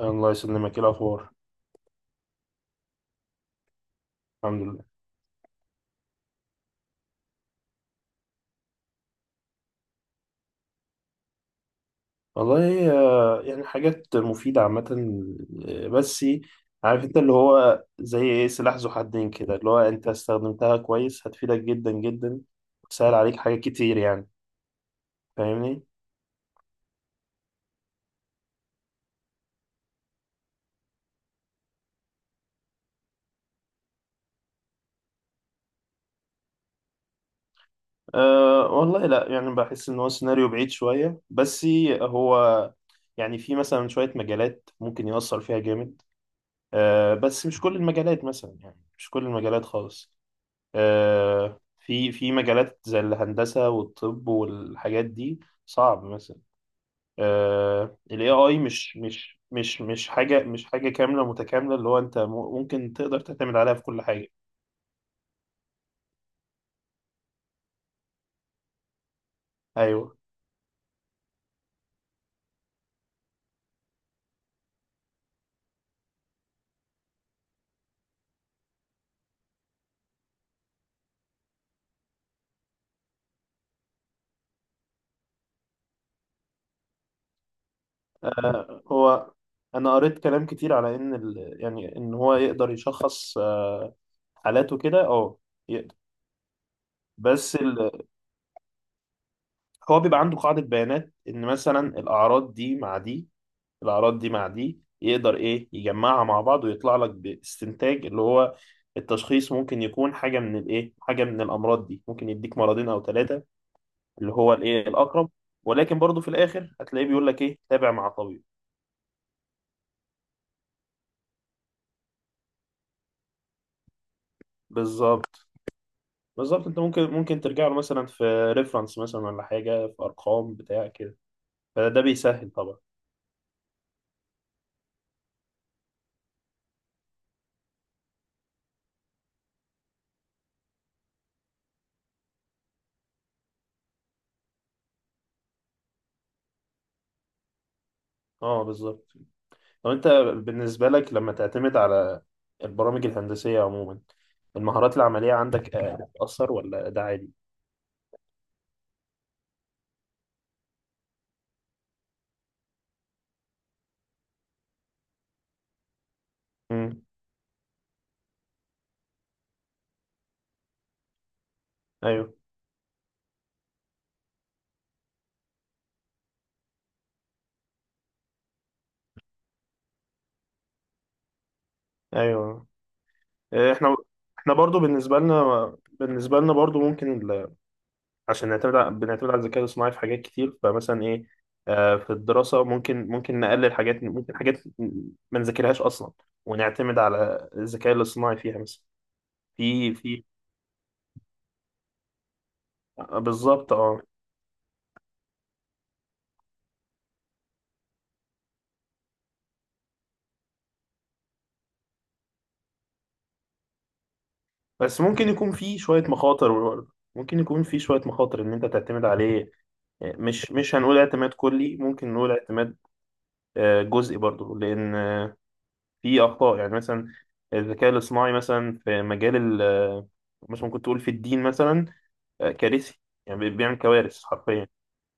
الله يسلمك، إيه الأخبار؟ الحمد لله. والله آه، حاجات مفيدة عامة. آه، بس عارف أنت اللي هو زي إيه؟ سلاح ذو حدين كده. اللي هو أنت استخدمتها كويس هتفيدك جدا جدا وتسهل عليك حاجات كتير. فاهمني؟ أه والله لا، بحس إن هو سيناريو بعيد شوية. بس هو في مثلا شوية مجالات ممكن يأثر فيها جامد. أه بس مش كل المجالات، مثلا مش كل المجالات خالص. آه، في مجالات زي الهندسة والطب والحاجات دي صعب مثلا. آه، ال AI مش حاجة كاملة متكاملة اللي هو أنت ممكن تقدر تعتمد عليها في كل حاجة. أيوه. آه، هو أنا قريت كلام كتير على إن ال، إن هو يقدر يشخص آه، حالاته كده، أه يقدر. بس ال، هو بيبقى عنده قاعدة بيانات إن مثلا الأعراض دي مع دي، يقدر ايه يجمعها مع بعض ويطلع لك باستنتاج اللي هو التشخيص، ممكن يكون حاجه من حاجه من الامراض دي، ممكن يديك مرضين او ثلاثه اللي هو الاقرب. ولكن برضه في الاخر هتلاقيه بيقول لك ايه، تابع مع طبيب. بالظبط. بالظبط، انت ممكن ترجع له مثلا في ريفرنس مثلا ولا حاجه، في ارقام بتاع كده. فده بيسهل طبعا. اه بالظبط. طب انت بالنسبة لك، لما تعتمد على البرامج الهندسية عموما، المهارات العملية عندك آه، بتأثر ولا ده عادي؟ امم ايوه ايوه. آه، احنا احنا برضو بالنسبة لنا بالنسبة لنا برضو ممكن عشان بنعتمد على الذكاء الصناعي في حاجات كتير، فمثلا ايه، آه، في الدراسة ممكن نقلل حاجات، ممكن حاجات ما نذاكرهاش أصلا ونعتمد على الذكاء الاصطناعي فيها مثلا. في في آه، بالظبط اه. بس ممكن يكون فيه شوية مخاطر برضه. ممكن يكون فيه شوية مخاطر إن أنت تعتمد عليه. آه، مش هنقول اعتماد كلي، ممكن نقول اعتماد آه، جزئي برضه. لأن آه، فيه أخطاء، يعني مثلا الذكاء الاصطناعي مثلا في مجال ال آه، مثلا ممكن تقول في الدين مثلا آه، كارثي. يعني بيعمل كوارث حرفيا.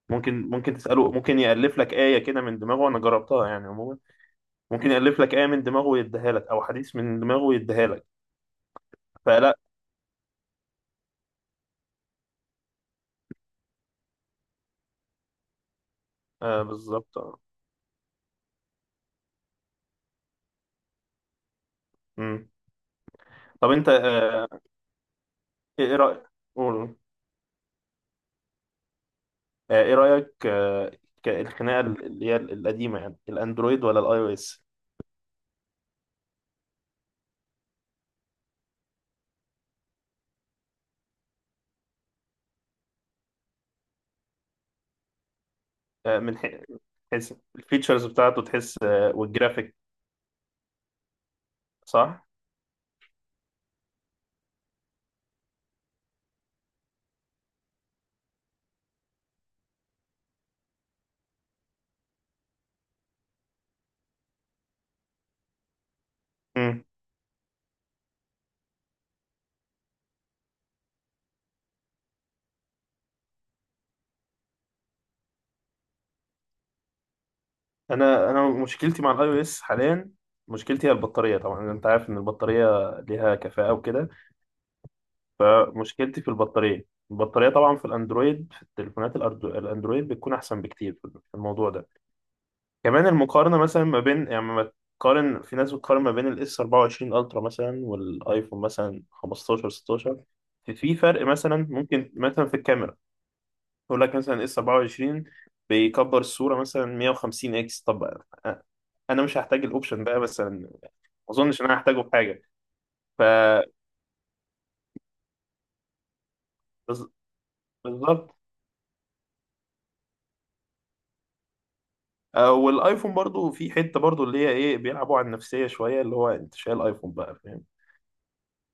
ممكن تسأله، ممكن يألف لك آية كده من دماغه، أنا جربتها يعني عموما. ممكن يألف لك آية من دماغه ويديها لك، أو حديث من دماغه ويديها لك. فلا. آه بالظبط آه. مم. طب انت آه، إيه رأيك، قول. آه، ايه رأيك آه، الخناقة اللي هي القديمة، يعني الاندرويد ولا الاي او اس؟ آه، حيث الفيتشرز بتاعته تحس آه، والجرافيك. صح. مم. انا مشكلتي مع الاي او اس حاليا، مشكلتي هي البطارية. طبعا انت عارف ان البطارية ليها كفاءة وكده. فمشكلتي في البطارية. البطارية طبعا في الاندرويد، في التليفونات الاندرويد، بتكون احسن بكتير في الموضوع ده. كمان المقارنة مثلا ما بين، يعني ما تقارن، في ناس بتقارن ما بين الاس 24 الترا مثلا والايفون مثلا 15 16. في فرق مثلا ممكن مثلا في الكاميرا، يقول لك مثلا اس 24 بيكبر الصورة مثلا 150 اكس. طب انا مش هحتاج الاوبشن ده مثلا، ما اظنش ان انا هحتاجه في حاجة. ف بز- بالظبط. آه، والايفون برضو في حتة برضو اللي هي ايه، بيلعبوا على النفسية شوية، اللي هو انت شايل ايفون بقى، فاهم.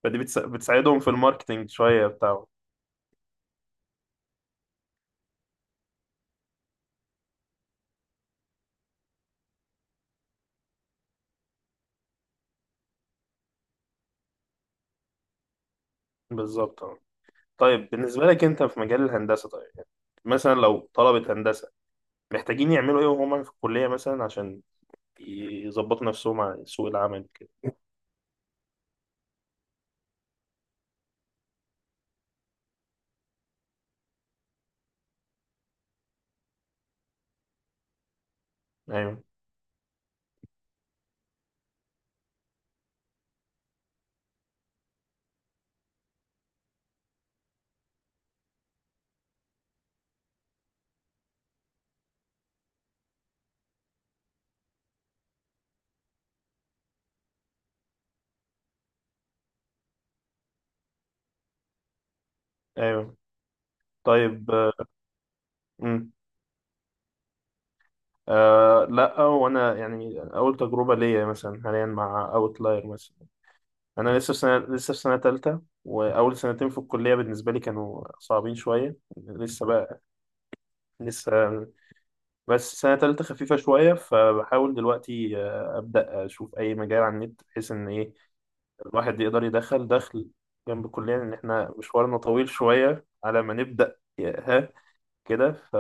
فدي بتساعدهم في الماركتينج شوية بتاعه. بالظبط. طيب بالنسبة لك أنت في مجال الهندسة، طيب يعني مثلا لو طلبة هندسة محتاجين يعملوا إيه وهم في الكلية مثلا، عشان يظبطوا نفسهم على سوق العمل كده. أيوه. أيوه. طيب آه، مم. آه لا، وأنا يعني أول تجربة ليا مثلا حاليا مع أوتلاير مثلا. أنا لسه في سنة، لسه في سنة تالتة. وأول سنتين في الكلية بالنسبة لي كانوا صعبين شوية. لسه بقى، لسه. بس سنة تالتة خفيفة شوية، فبحاول دلوقتي آه، أبدأ أشوف أي مجال على النت، بحيث إن إيه الواحد يقدر يدخل دخل جنب الكلية. لأن إحنا مشوارنا طويل شوية على ما نبدأ ها كده.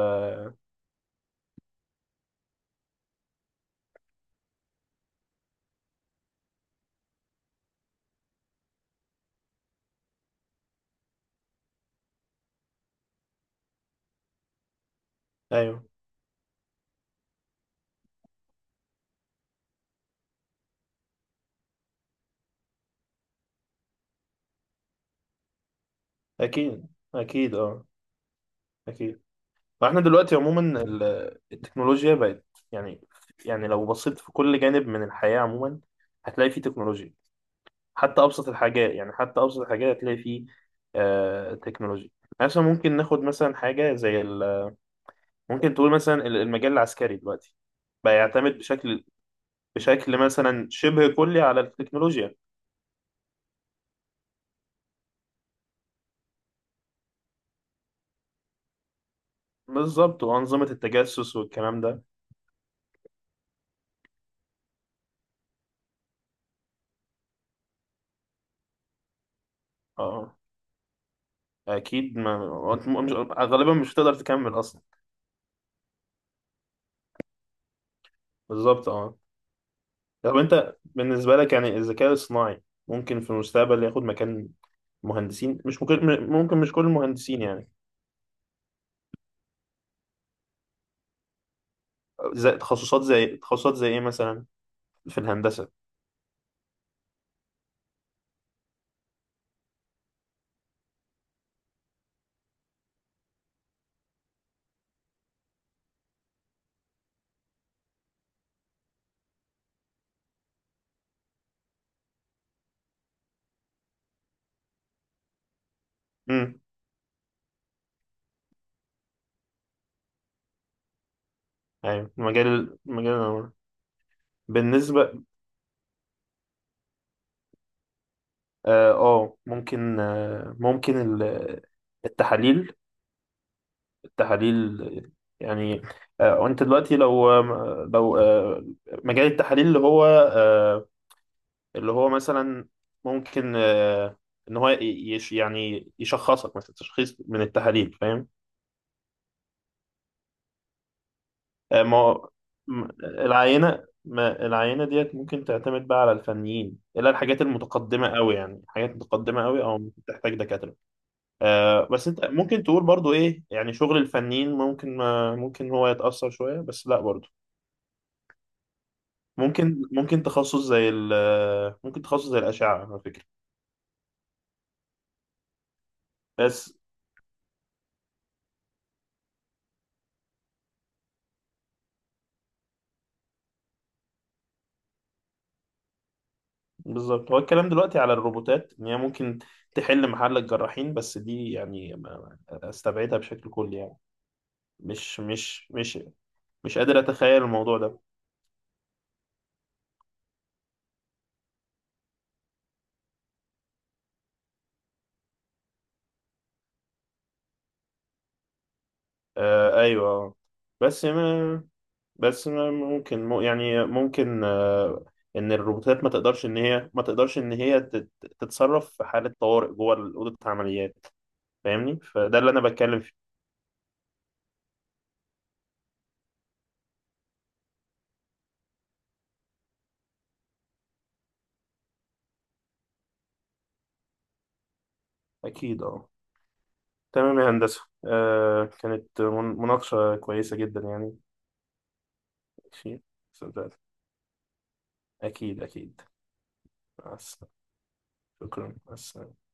أيوه. أكيد. أكيد أه. أكيد. وإحنا دلوقتي عموما التكنولوجيا بقت، يعني لو بصيت في كل جانب من الحياة عموما، هتلاقي فيه تكنولوجيا. حتى أبسط الحاجات، حتى أبسط الحاجات هتلاقي فيه آه تكنولوجيا. يعني مثلا ممكن ناخد مثلا حاجة زي ممكن تقول مثلا المجال العسكري دلوقتي بقى يعتمد بشكل مثلا شبه كلي على التكنولوجيا. بالظبط، وأنظمة التجسس والكلام ده. اه. أكيد ما، وأنت مش غالبا، مش هتقدر تكمل أصلا. بالظبط اه. طب أنت بالنسبة لك، يعني الذكاء الصناعي ممكن في المستقبل ياخد مكان مهندسين؟ مش ممكن، ممكن مش كل المهندسين يعني. زي تخصصات زي إيه مثلا في الهندسة؟ امم أيوة، مجال مجال العمارة. بالنسبة، اه آه، ممكن آه، ممكن ال- التحاليل، تحاليل يعني آه، وانت دلوقتي لو لو آه، مجال التحاليل اللي هو آه، اللي هو مثلا ممكن آه، ان هو يش، يعني يشخصك مثلا تشخيص من التحاليل، فاهم. آه، ما هو- العينة، ما العينة ديت ممكن تعتمد بقى على الفنيين، الا الحاجات المتقدمة قوي. يعني حاجات متقدمة قوي او ممكن تحتاج دكاترة. آه، بس انت ممكن تقول برضو ايه، يعني شغل الفنيين ممكن ما، ممكن هو يتأثر شوية، بس لا برضو ممكن تخصص زي ال ممكن تخصص زي الأشعة على فكرة. بس بالظبط، هو الكلام دلوقتي على الروبوتات إن هي ممكن تحل محل الجراحين. بس دي يعني أستبعدها بشكل كلي يعني. مش مش قادر أتخيل الموضوع ده. آه أيوه. بس ما بس ما ممكن يعني ممكن آه إن الروبوتات ما تقدرش، إن هي ما تقدرش إن هي تتصرف في حالة طوارئ جوه أوضة العمليات. فاهمني؟ فده اللي أنا بتكلم فيه. أكيد أه. تمام يا هندسة، آه كانت مناقشة كويسة جدا يعني. ماشي. صدقت. أكيد أكيد. مع السلامة. شكرا، مع السلامة.